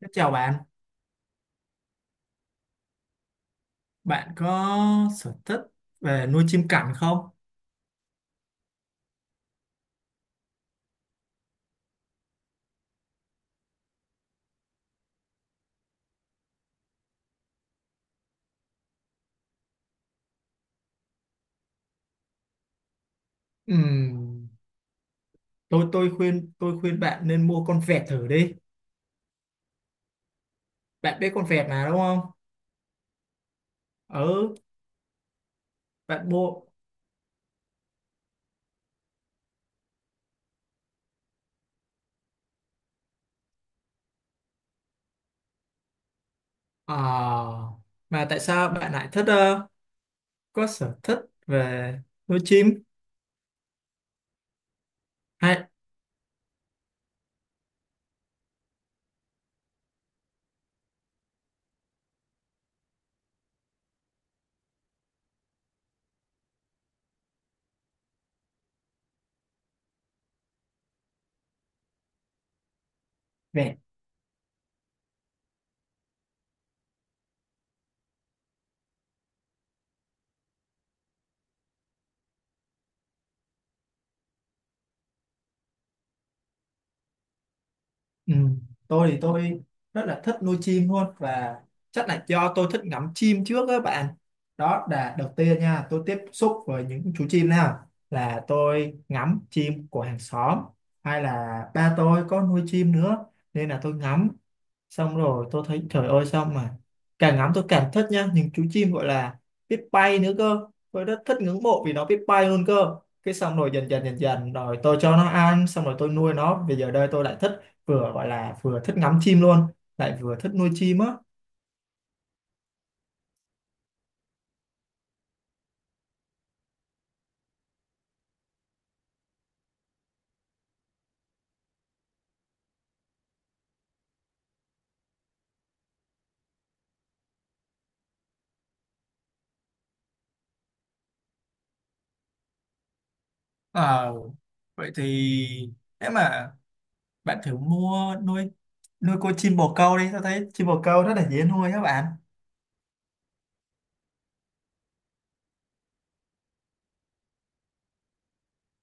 Thế chào bạn, bạn có sở thích về nuôi chim cảnh không? Ừm, tôi khuyên bạn nên mua con vẹt thử đi. Bạn biết con vẹt mà đúng không? Ừ, bạn mua. Ờ, mà tại sao bạn lại thích có sở thích về nuôi chim? Hay vẹt. Ừ, tôi thì tôi rất là thích nuôi chim luôn, và chắc là do tôi thích ngắm chim trước các bạn. Đó là đầu tiên nha, tôi tiếp xúc với những chú chim nào là tôi ngắm chim của hàng xóm, hay là ba tôi có nuôi chim nữa, nên là tôi ngắm. Xong rồi tôi thấy trời ơi, sao mà càng ngắm tôi càng thích nha, những chú chim gọi là biết bay nữa cơ. Tôi rất thích, ngưỡng mộ vì nó biết bay luôn cơ. Cái xong rồi dần dần dần dần rồi tôi cho nó ăn, xong rồi tôi nuôi nó, bây giờ đây tôi lại thích, vừa gọi là vừa thích ngắm chim luôn, lại vừa thích nuôi chim á. Ờ, vậy thì nếu mà bạn thử mua nuôi, nuôi con chim bồ câu đi, tôi thấy chim bồ câu rất là dễ nuôi các bạn.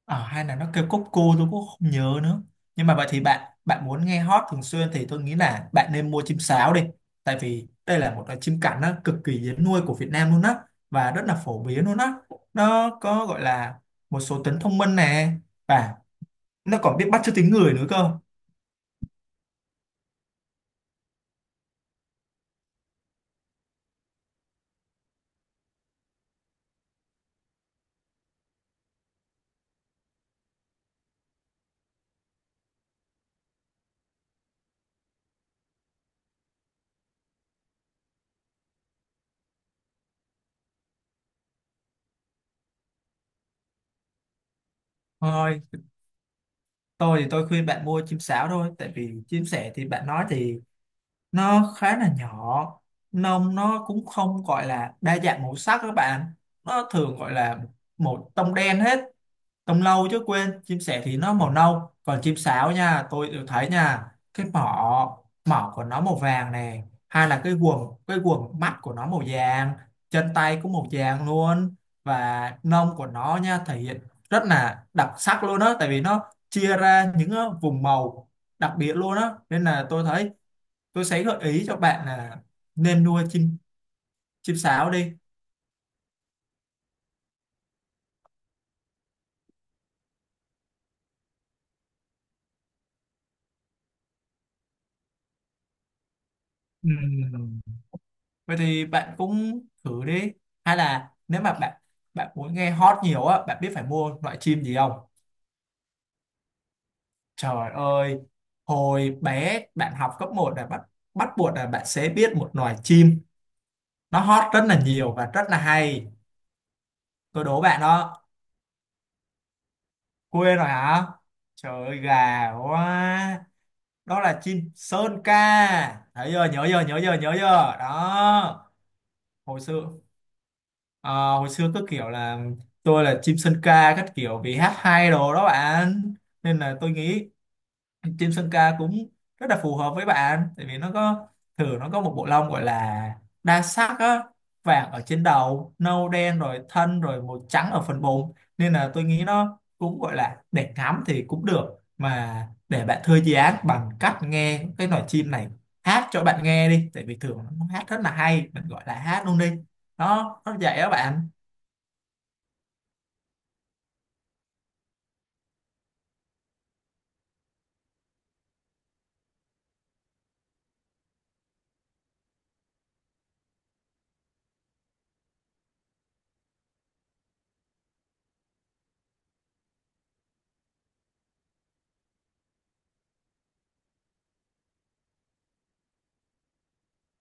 Ờ, hay là nó kêu cốc cu, tôi cũng không nhớ nữa. Nhưng mà vậy thì bạn bạn muốn nghe hót thường xuyên thì tôi nghĩ là bạn nên mua chim sáo đi. Tại vì đây là một loại chim cảnh nó cực kỳ dễ nuôi của Việt Nam luôn á, và rất là phổ biến luôn á. Nó có gọi là một số tính thông minh nè, và nó còn biết bắt chước tiếng người nữa cơ. Thôi, tôi thì tôi khuyên bạn mua chim sáo thôi, tại vì chim sẻ thì bạn nói thì nó khá là nhỏ, nông nó cũng không gọi là đa dạng màu sắc các bạn, nó thường gọi là một tông đen hết, tông lâu chứ quên, chim sẻ thì nó màu nâu, còn chim sáo nha tôi đều thấy nha, cái mỏ, mỏ của nó màu vàng nè, hay là cái guồng mắt của nó màu vàng, chân tay cũng màu vàng luôn, và nông của nó nha thể hiện rất là đặc sắc luôn á, tại vì nó chia ra những vùng màu đặc biệt luôn á, nên là tôi thấy tôi sẽ gợi ý cho bạn là nên nuôi chim, chim sáo đi. Ừ, vậy thì bạn cũng thử đi, hay là nếu mà bạn bạn muốn nghe hot nhiều á, bạn biết phải mua loại chim gì không? Trời ơi, hồi bé bạn học cấp một là bắt, bắt buộc là bạn sẽ biết một loài chim, nó hot rất là nhiều và rất là hay. Tôi đố bạn đó. Quên rồi hả? Trời ơi, gà quá. Đó là chim sơn ca, thấy chưa, nhớ chưa, nhớ chưa, nhớ chưa đó. Hồi xưa, ờ, hồi xưa cứ kiểu là tôi là chim sơn ca các kiểu vì hát hay đồ đó bạn, nên là tôi nghĩ chim sơn ca cũng rất là phù hợp với bạn, tại vì nó có, thử nó có một bộ lông gọi là đa sắc á, vàng ở trên đầu, nâu đen rồi thân, rồi màu trắng ở phần bụng, nên là tôi nghĩ nó cũng gọi là để ngắm thì cũng được, mà để bạn thư giãn bằng cách nghe cái loài chim này hát cho bạn nghe đi, tại vì thường nó hát rất là hay, mình gọi là hát luôn đi đó, nó vậy đó bạn.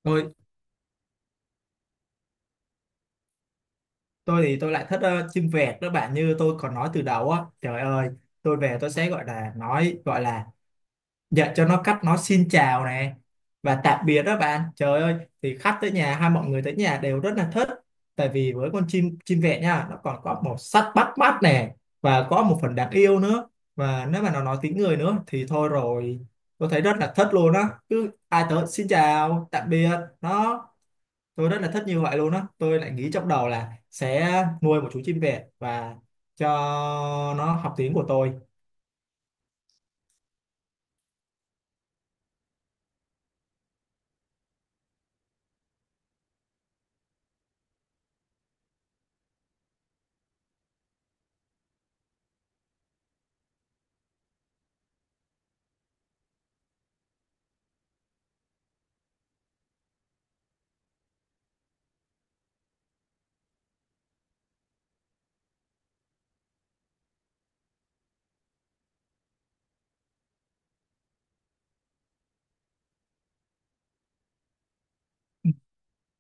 Tôi tôi thì tôi lại thích chim vẹt đó bạn, như tôi còn nói từ đầu á, trời ơi, tôi về tôi sẽ gọi là nói, gọi là dạy cho nó cách nói xin chào này và tạm biệt đó bạn. Trời ơi, thì khách tới nhà hay mọi người tới nhà đều rất là thích, tại vì với con chim, chim vẹt nha, nó còn có màu sắc bắt mắt nè, và có một phần đáng yêu nữa, và nếu mà nó nói tiếng người nữa thì thôi rồi, tôi thấy rất là thích luôn á, cứ ai tới xin chào tạm biệt nó, tôi rất là thích như vậy luôn á, tôi lại nghĩ trong đầu là sẽ nuôi một chú chim vẹt và cho nó học tiếng của tôi. Ừ,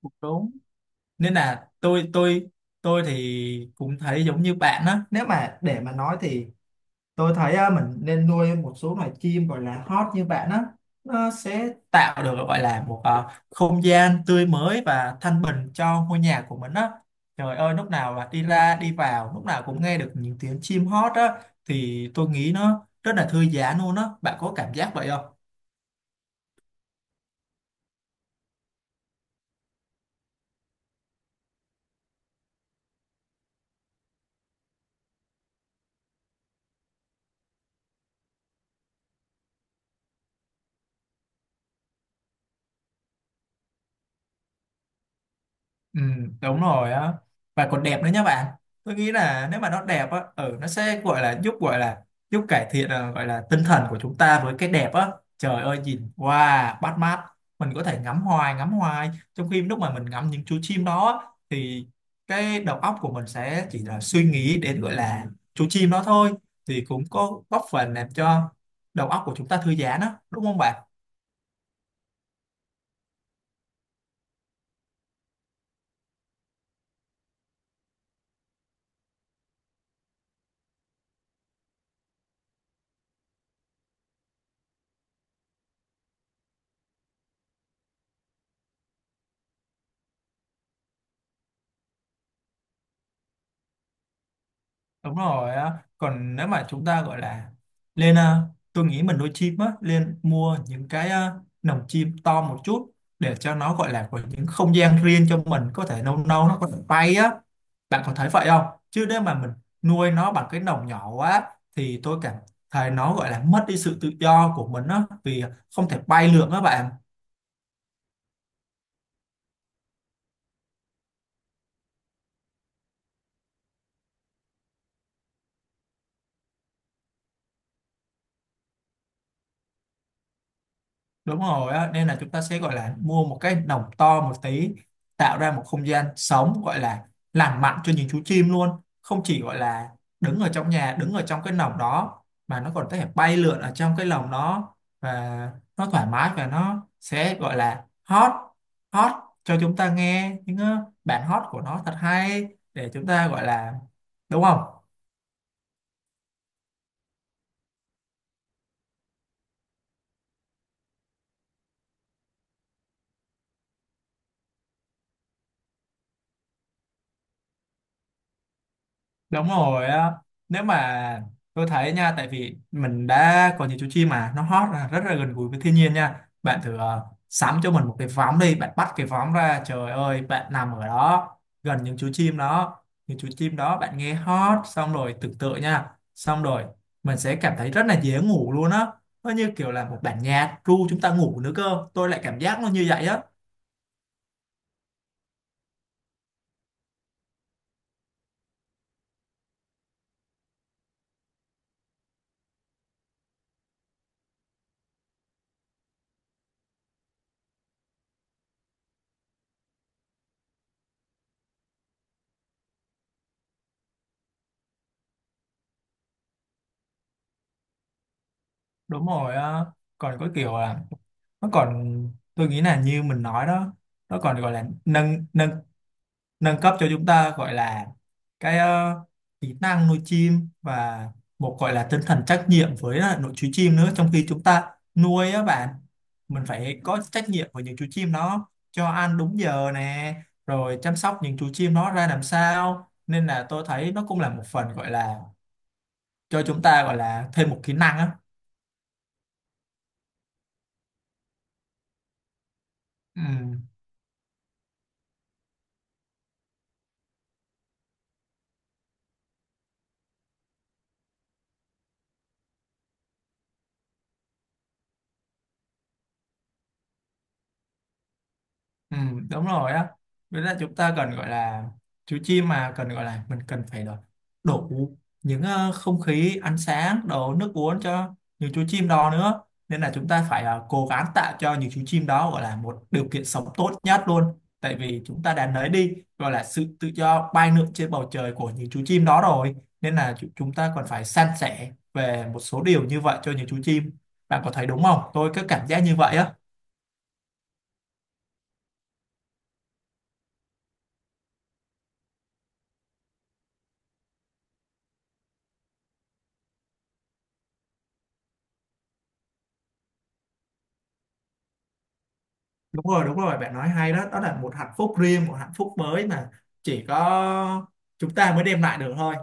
cũng đúng, nên là tôi tôi thì cũng thấy giống như bạn á, nếu mà để mà nói thì tôi thấy á, mình nên nuôi một số loài chim gọi là hót như bạn á, nó sẽ tạo được gọi là một không gian tươi mới và thanh bình cho ngôi nhà của mình á. Trời ơi, lúc nào là đi ra đi vào lúc nào cũng nghe được những tiếng chim hót á, thì tôi nghĩ nó rất là thư giãn luôn á, bạn có cảm giác vậy không? Ừ, đúng rồi á, và còn đẹp nữa nhá bạn. Tôi nghĩ là nếu mà nó đẹp á, ừ, nó sẽ gọi là giúp, gọi là giúp cải thiện à, gọi là tinh thần của chúng ta với cái đẹp á. Trời ơi, nhìn wow, bắt mắt, mình có thể ngắm hoài ngắm hoài, trong khi lúc mà mình ngắm những chú chim đó á, thì cái đầu óc của mình sẽ chỉ là suy nghĩ đến gọi là chú chim đó thôi, thì cũng có góp phần làm cho đầu óc của chúng ta thư giãn á, đúng không bạn? Đúng rồi á, còn nếu mà chúng ta gọi là lên à, tôi nghĩ mình nuôi chim á, lên mua những cái à, lồng chim to một chút, để cho nó gọi là có những không gian riêng cho mình, có thể nâu nâu nó có thể bay á, bạn có thấy vậy không? Chứ nếu mà mình nuôi nó bằng cái lồng nhỏ quá, thì tôi cảm thấy nó gọi là mất đi sự tự do của mình á, vì không thể bay lượn á bạn. Đúng rồi á, nên là chúng ta sẽ gọi là mua một cái lồng to một tí, tạo ra một không gian sống gọi là lành mạnh cho những chú chim luôn, không chỉ gọi là đứng ở trong nhà, đứng ở trong cái lồng đó, mà nó còn có thể bay lượn ở trong cái lồng đó, và nó thoải mái và nó sẽ gọi là hót, hót cho chúng ta nghe những bản hót của nó thật hay, để chúng ta gọi là, đúng không? Đúng rồi á. Nếu mà, tôi thấy nha, tại vì mình đã có những chú chim mà nó hót là rất là gần gũi với thiên nhiên nha. Bạn thử sắm cho mình một cái võng đi, bạn bắt cái võng ra, trời ơi, bạn nằm ở đó gần những chú chim đó, những chú chim đó bạn nghe hót xong rồi tưởng tượng nha, xong rồi mình sẽ cảm thấy rất là dễ ngủ luôn á. Nó như kiểu là một bản nhạc ru chúng ta ngủ nữa cơ. Tôi lại cảm giác nó như vậy á. Đúng rồi á. Còn có kiểu là nó còn, tôi nghĩ là như mình nói đó, nó còn gọi là nâng, nâng cấp cho chúng ta gọi là cái kỹ năng nuôi chim, và một gọi là tinh thần trách nhiệm với lại nội chú chim nữa, trong khi chúng ta nuôi á bạn, mình phải có trách nhiệm với những chú chim đó, cho ăn đúng giờ nè, rồi chăm sóc những chú chim đó ra làm sao, nên là tôi thấy nó cũng là một phần gọi là cho chúng ta gọi là thêm một kỹ năng á. Ừ. Ừ, đúng rồi á, với là chúng ta cần gọi là chú chim mà cần gọi là mình cần phải đổ đủ những không khí, ánh sáng, đồ, nước uống cho những chú chim đó nữa, nên là chúng ta phải cố gắng tạo cho những chú chim đó gọi là một điều kiện sống tốt nhất luôn, tại vì chúng ta đã lấy đi gọi là sự tự do bay lượn trên bầu trời của những chú chim đó rồi, nên là chu- chúng ta còn phải san sẻ về một số điều như vậy cho những chú chim, bạn có thấy đúng không, tôi có cảm giác như vậy á. Đúng rồi đúng rồi, bạn nói hay đó, đó là một hạnh phúc riêng, một hạnh phúc mới mà chỉ có chúng ta mới đem lại được thôi.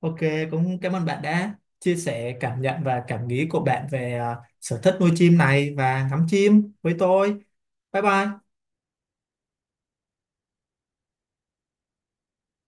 Ok, cũng cảm ơn bạn đã chia sẻ cảm nhận và cảm nghĩ của bạn về à, sở thích nuôi chim này và ngắm chim với tôi. Bye bye.